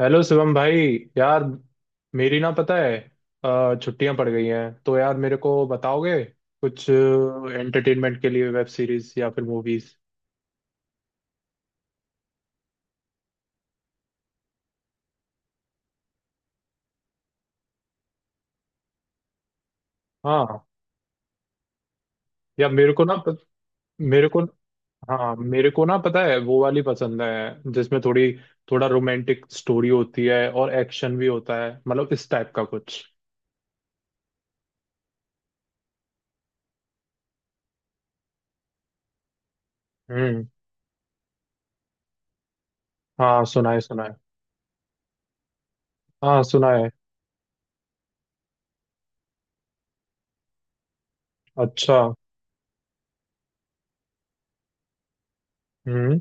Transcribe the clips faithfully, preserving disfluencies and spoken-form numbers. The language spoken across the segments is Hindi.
हेलो शिवम भाई। यार मेरी ना पता है, अ, छुट्टियां पड़ गई हैं तो यार मेरे को बताओगे कुछ एंटरटेनमेंट के लिए वेब सीरीज या फिर मूवीज। हाँ। या मेरे को ना प- मेरे को। हाँ मेरे को ना पता है, वो वाली पसंद है जिसमें थोड़ी थोड़ा रोमांटिक स्टोरी होती है और एक्शन भी होता है, मतलब इस टाइप का कुछ। हम्म। हाँ सुनाए सुनाए। हाँ सुनाए। अच्छा। हम्म।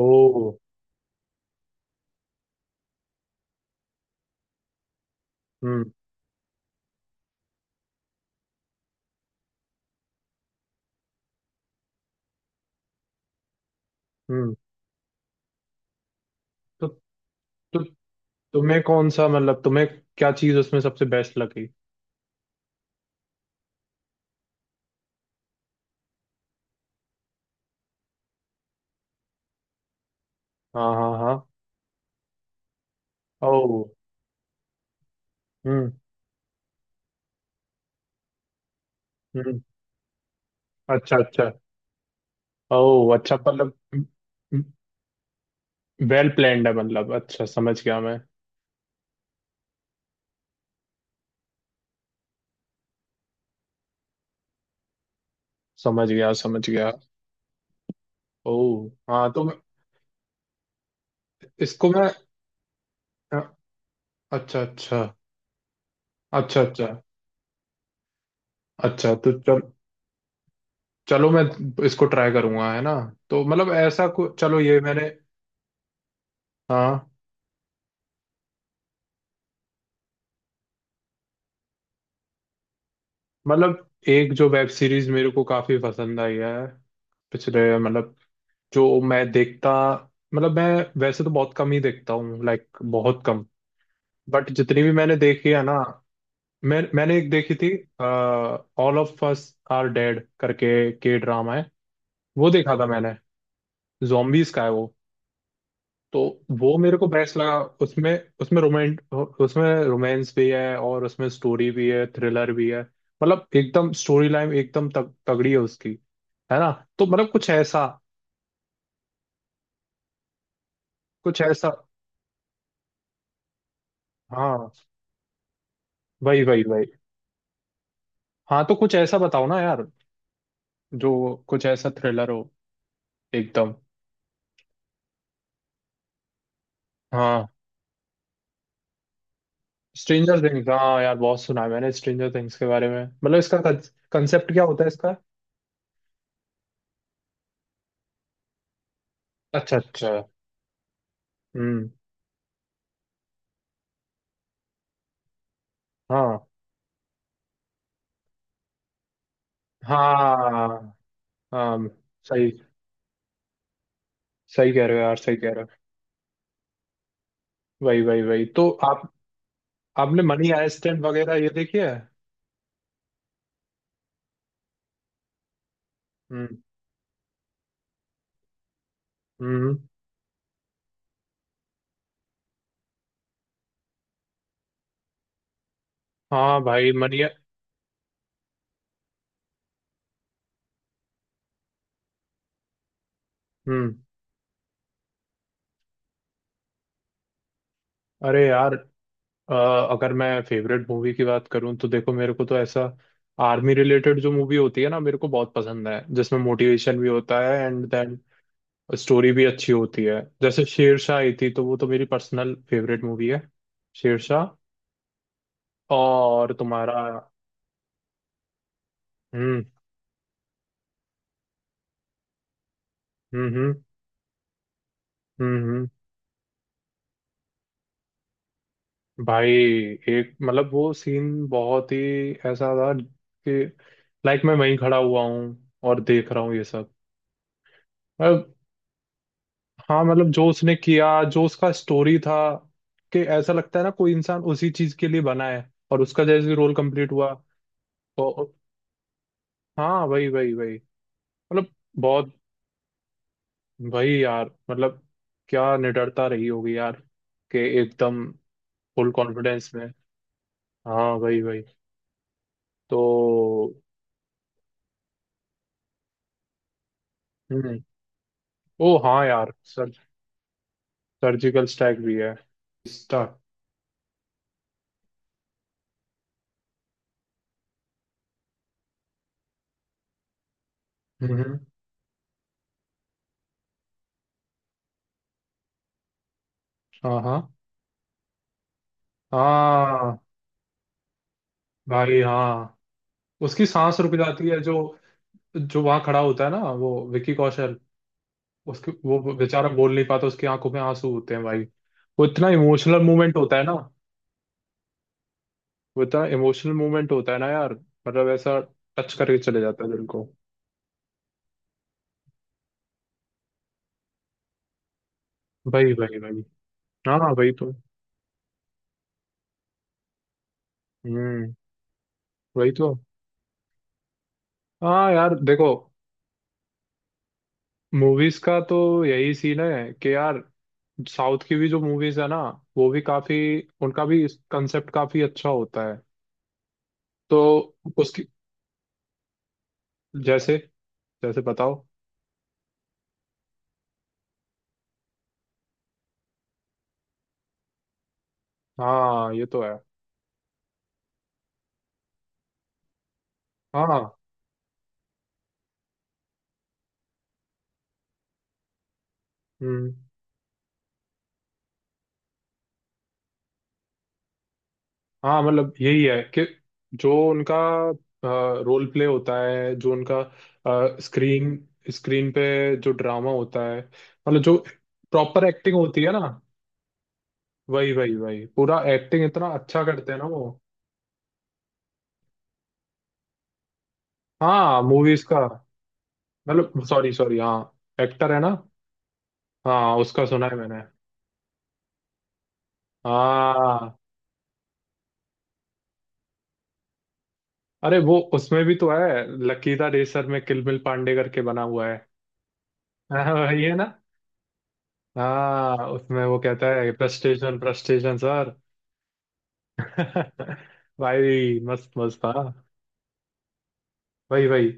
ओ। हम्म। हम्म। तो, तो तुम्हें कौन सा, मतलब तुम्हें क्या चीज उसमें सबसे बेस्ट लगी? हाँ हाँ हाँ। ओ। हम्म। हम्म। अच्छा अच्छा। ओ अच्छा मतलब। वेल प्लान्ड है, मतलब अच्छा, समझ गया मैं। समझ गया समझ गया। ओ हाँ। तो मैं- इसको मैं अ, अच्छा अच्छा। अच्छा अच्छा। अच्छा तो चल। चलो मैं इसको ट्राई करूंगा, है ना। तो मतलब ऐसा को, चलो ये मैंने। हाँ मतलब, एक जो वेब सीरीज मेरे को काफी पसंद आई है पिछले, मतलब जो मैं देखता, मतलब मैं वैसे तो बहुत कम ही देखता हूँ, लाइक बहुत कम। बट जितनी भी मैंने देखी है ना, मैं मैंने एक देखी थी। All of us are dead करके के ड्रामा है। वो देखा था मैंने। जॉम्बीज का है वो। तो वो मेरे को बेस्ट लगा। उसमें उसमें रोमेंट उसमें रोमांस भी है और उसमें स्टोरी भी है, थ्रिलर भी है, मतलब एकदम स्टोरी लाइन एकदम तग, तगड़ी है उसकी। है ना। तो मतलब कुछ ऐसा, कुछ ऐसा। हाँ वही वही वही। हाँ तो कुछ ऐसा बताओ ना यार, जो कुछ ऐसा थ्रिलर हो, एकदम। हाँ स्ट्रेंजर थिंग्स। हाँ यार, बहुत सुना है मैंने स्ट्रेंजर थिंग्स के बारे में, मतलब इसका कंसेप्ट क्या होता है इसका? अच्छा अच्छा। हम्म। हाँ हाँ हाँ। सही, सही कह रहे हो यार, सही कह रहे हो। वही वही वही, तो आप आपने मनी आइसलैंड वगैरह ये देखी है? हम्म। हम्म। हाँ भाई मनी। हम्म। अरे यार, अ, अगर मैं फेवरेट मूवी की बात करूं तो देखो, मेरे को तो ऐसा आर्मी रिलेटेड जो मूवी होती है ना, मेरे को बहुत पसंद है, जिसमें मोटिवेशन भी होता है एंड देन स्टोरी भी अच्छी होती है। जैसे शेरशाह आई थी, तो वो तो मेरी पर्सनल फेवरेट मूवी है, शेरशाह। और तुम्हारा? हम्म। हम्म। हम्म। हम्म। हम्म। भाई एक मतलब, वो सीन बहुत ही ऐसा था कि, लाइक, मैं वहीं खड़ा हुआ हूँ और देख रहा हूँ ये सब। हाँ मतलब, जो उसने किया, जो उसका स्टोरी था, कि ऐसा लगता है ना, कोई इंसान उसी चीज के लिए बना है और उसका जैसे रोल कंप्लीट हुआ। तो हाँ वही वही वही, मतलब बहुत। वही यार मतलब, क्या निडरता रही होगी यार, कि एकदम फुल कॉन्फिडेंस में। हाँ वही वही। तो हम्म। ओ हाँ यार, सर सर्जिकल स्ट्राइक भी है। स्टार। हम्म। हाँ हाँ हाँ। भाई हाँ। उसकी सांस रुक जाती है, जो, जो वहां खड़ा होता है ना, वो विकी कौशल। उसके वो बेचारा बोल नहीं पाता, उसकी आंखों में आंसू होते हैं भाई। वो इतना इमोशनल मूवमेंट होता है ना। वो इतना इमोशनल मूवमेंट होता है ना यार, मतलब ऐसा टच करके चले जाता है दिल को। भाई भाई भाई। हाँ हाँ, वही तो। हम्म। वही तो, हाँ यार देखो, मूवीज का तो यही सीन है कि यार, साउथ की भी जो मूवीज है ना, वो भी काफी। उनका भी कंसेप्ट काफी अच्छा होता है। तो उसकी, जैसे जैसे बताओ। हाँ ये तो है। हाँ। हम्म। हाँ मतलब, यही है कि जो उनका रोल प्ले होता है, जो उनका स्क्रीन स्क्रीन पे जो ड्रामा होता है, मतलब जो प्रॉपर एक्टिंग होती है ना। वही वही वही, पूरा एक्टिंग इतना अच्छा करते हैं ना वो। हाँ मूवीज का। मतलब सॉरी सॉरी, हाँ एक्टर है ना। हाँ उसका सुना है मैंने। हाँ। अरे वो, उसमें भी तो है, लकीदा रेसर में किलमिल पांडे करके बना हुआ है। हाँ, वही है ना। हाँ उसमें वो कहता है प्रस्टेशन प्रस्टेशन सर। भाई मस्त मस्त था। वही वही।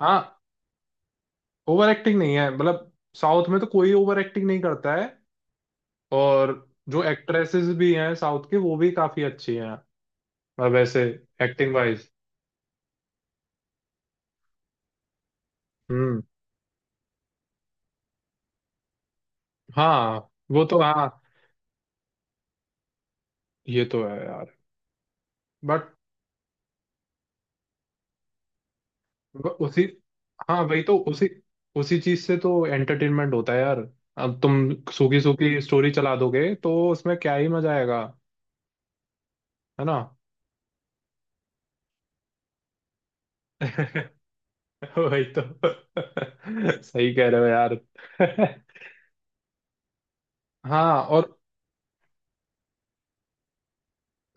हाँ। ओवर एक्टिंग नहीं है, मतलब साउथ में तो कोई ओवर एक्टिंग नहीं करता है। और जो एक्ट्रेसेस भी हैं साउथ की वो भी काफी अच्छी हैं, मतलब वैसे एक्टिंग वाइज। हम्म। हाँ वो तो। हाँ ये तो है यार। बट व- उसी, हाँ वही तो, उसी उसी चीज से तो एंटरटेनमेंट होता है यार। अब तुम सूखी सूखी स्टोरी चला दोगे तो उसमें क्या ही मजा आएगा। है ना। वही तो। सही कह रहे हो यार। हाँ और।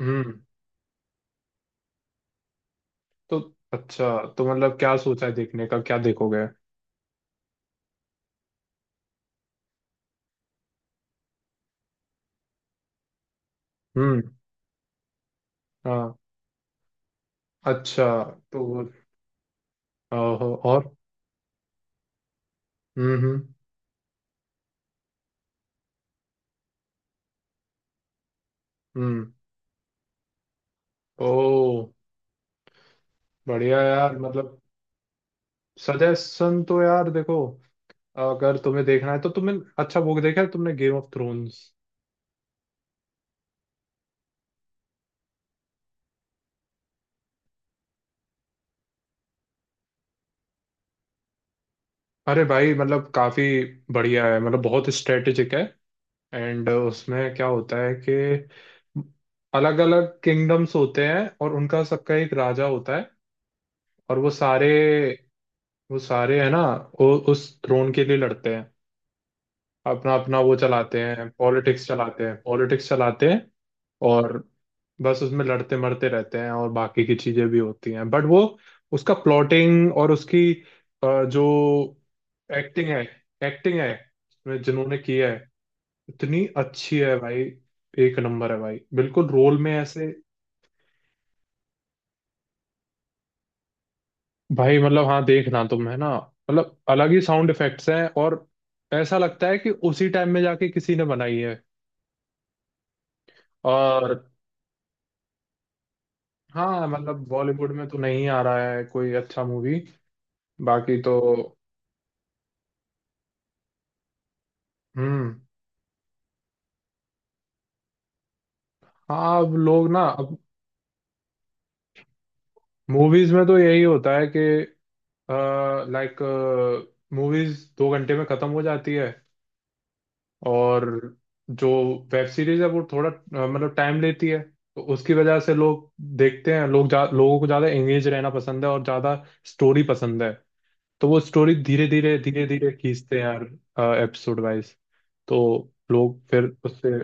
हम्म। तो अच्छा, तो मतलब क्या सोचा है देखने का, क्या देखोगे? हम्म। हाँ अच्छा, तो ओहो, और। हम्म। हम्म। हम्म। ओ बढ़िया यार मतलब। सजेशन तो यार देखो, अगर तुम्हें देखना है तो तुमने, अच्छा वो देखा है तुमने गेम ऑफ थ्रोन्स? अरे भाई मतलब काफी बढ़िया है, मतलब बहुत स्ट्रेटेजिक है। एंड उसमें क्या होता है कि अलग अलग किंगडम्स होते हैं और उनका सबका एक राजा होता है। और वो सारे वो सारे है ना, वो उस थ्रोन के लिए लड़ते हैं। अपना अपना वो चलाते हैं, पॉलिटिक्स चलाते हैं, पॉलिटिक्स चलाते हैं। और बस उसमें लड़ते मरते रहते हैं और बाकी की चीजें भी होती हैं, बट वो उसका प्लॉटिंग और उसकी अ, जो एक्टिंग है, एक्टिंग है, उसमें जिन्होंने किया है, इतनी अच्छी है भाई। एक नंबर है भाई, बिल्कुल रोल में ऐसे। भाई मतलब हाँ, देखना तुम है ना, मतलब अलग ही साउंड इफेक्ट्स हैं और ऐसा लगता है कि उसी टाइम में जाके किसी ने बनाई है। और हाँ मतलब, बॉलीवुड में तो नहीं आ रहा है कोई अच्छा मूवी, बाकी तो। हम्म। हाँ अब लोग ना, अब मूवीज में तो यही होता है कि, लाइक, मूवीज दो घंटे में खत्म हो जाती है। और जो वेब सीरीज है वो थोड़ा अ, मतलब टाइम लेती है। तो उसकी वजह से लोग देखते हैं, लोग जा, लोगों को ज्यादा एंगेज रहना पसंद है और ज्यादा स्टोरी पसंद है। तो वो स्टोरी धीरे धीरे धीरे धीरे खींचते हैं यार, एपिसोड वाइज। तो लोग फिर उससे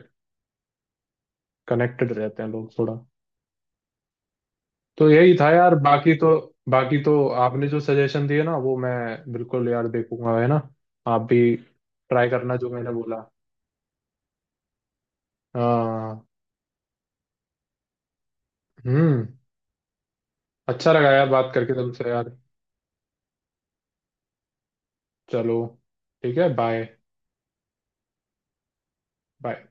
कनेक्टेड रहते हैं लोग थोड़ा। तो यही था यार, बाकी तो। बाकी तो आपने जो सजेशन दिए ना, वो मैं बिल्कुल यार देखूंगा, है ना। आप भी ट्राई करना जो मैंने बोला। हाँ। हम्म। अच्छा लगा यार बात करके तुमसे यार। चलो ठीक है, बाय। बाय।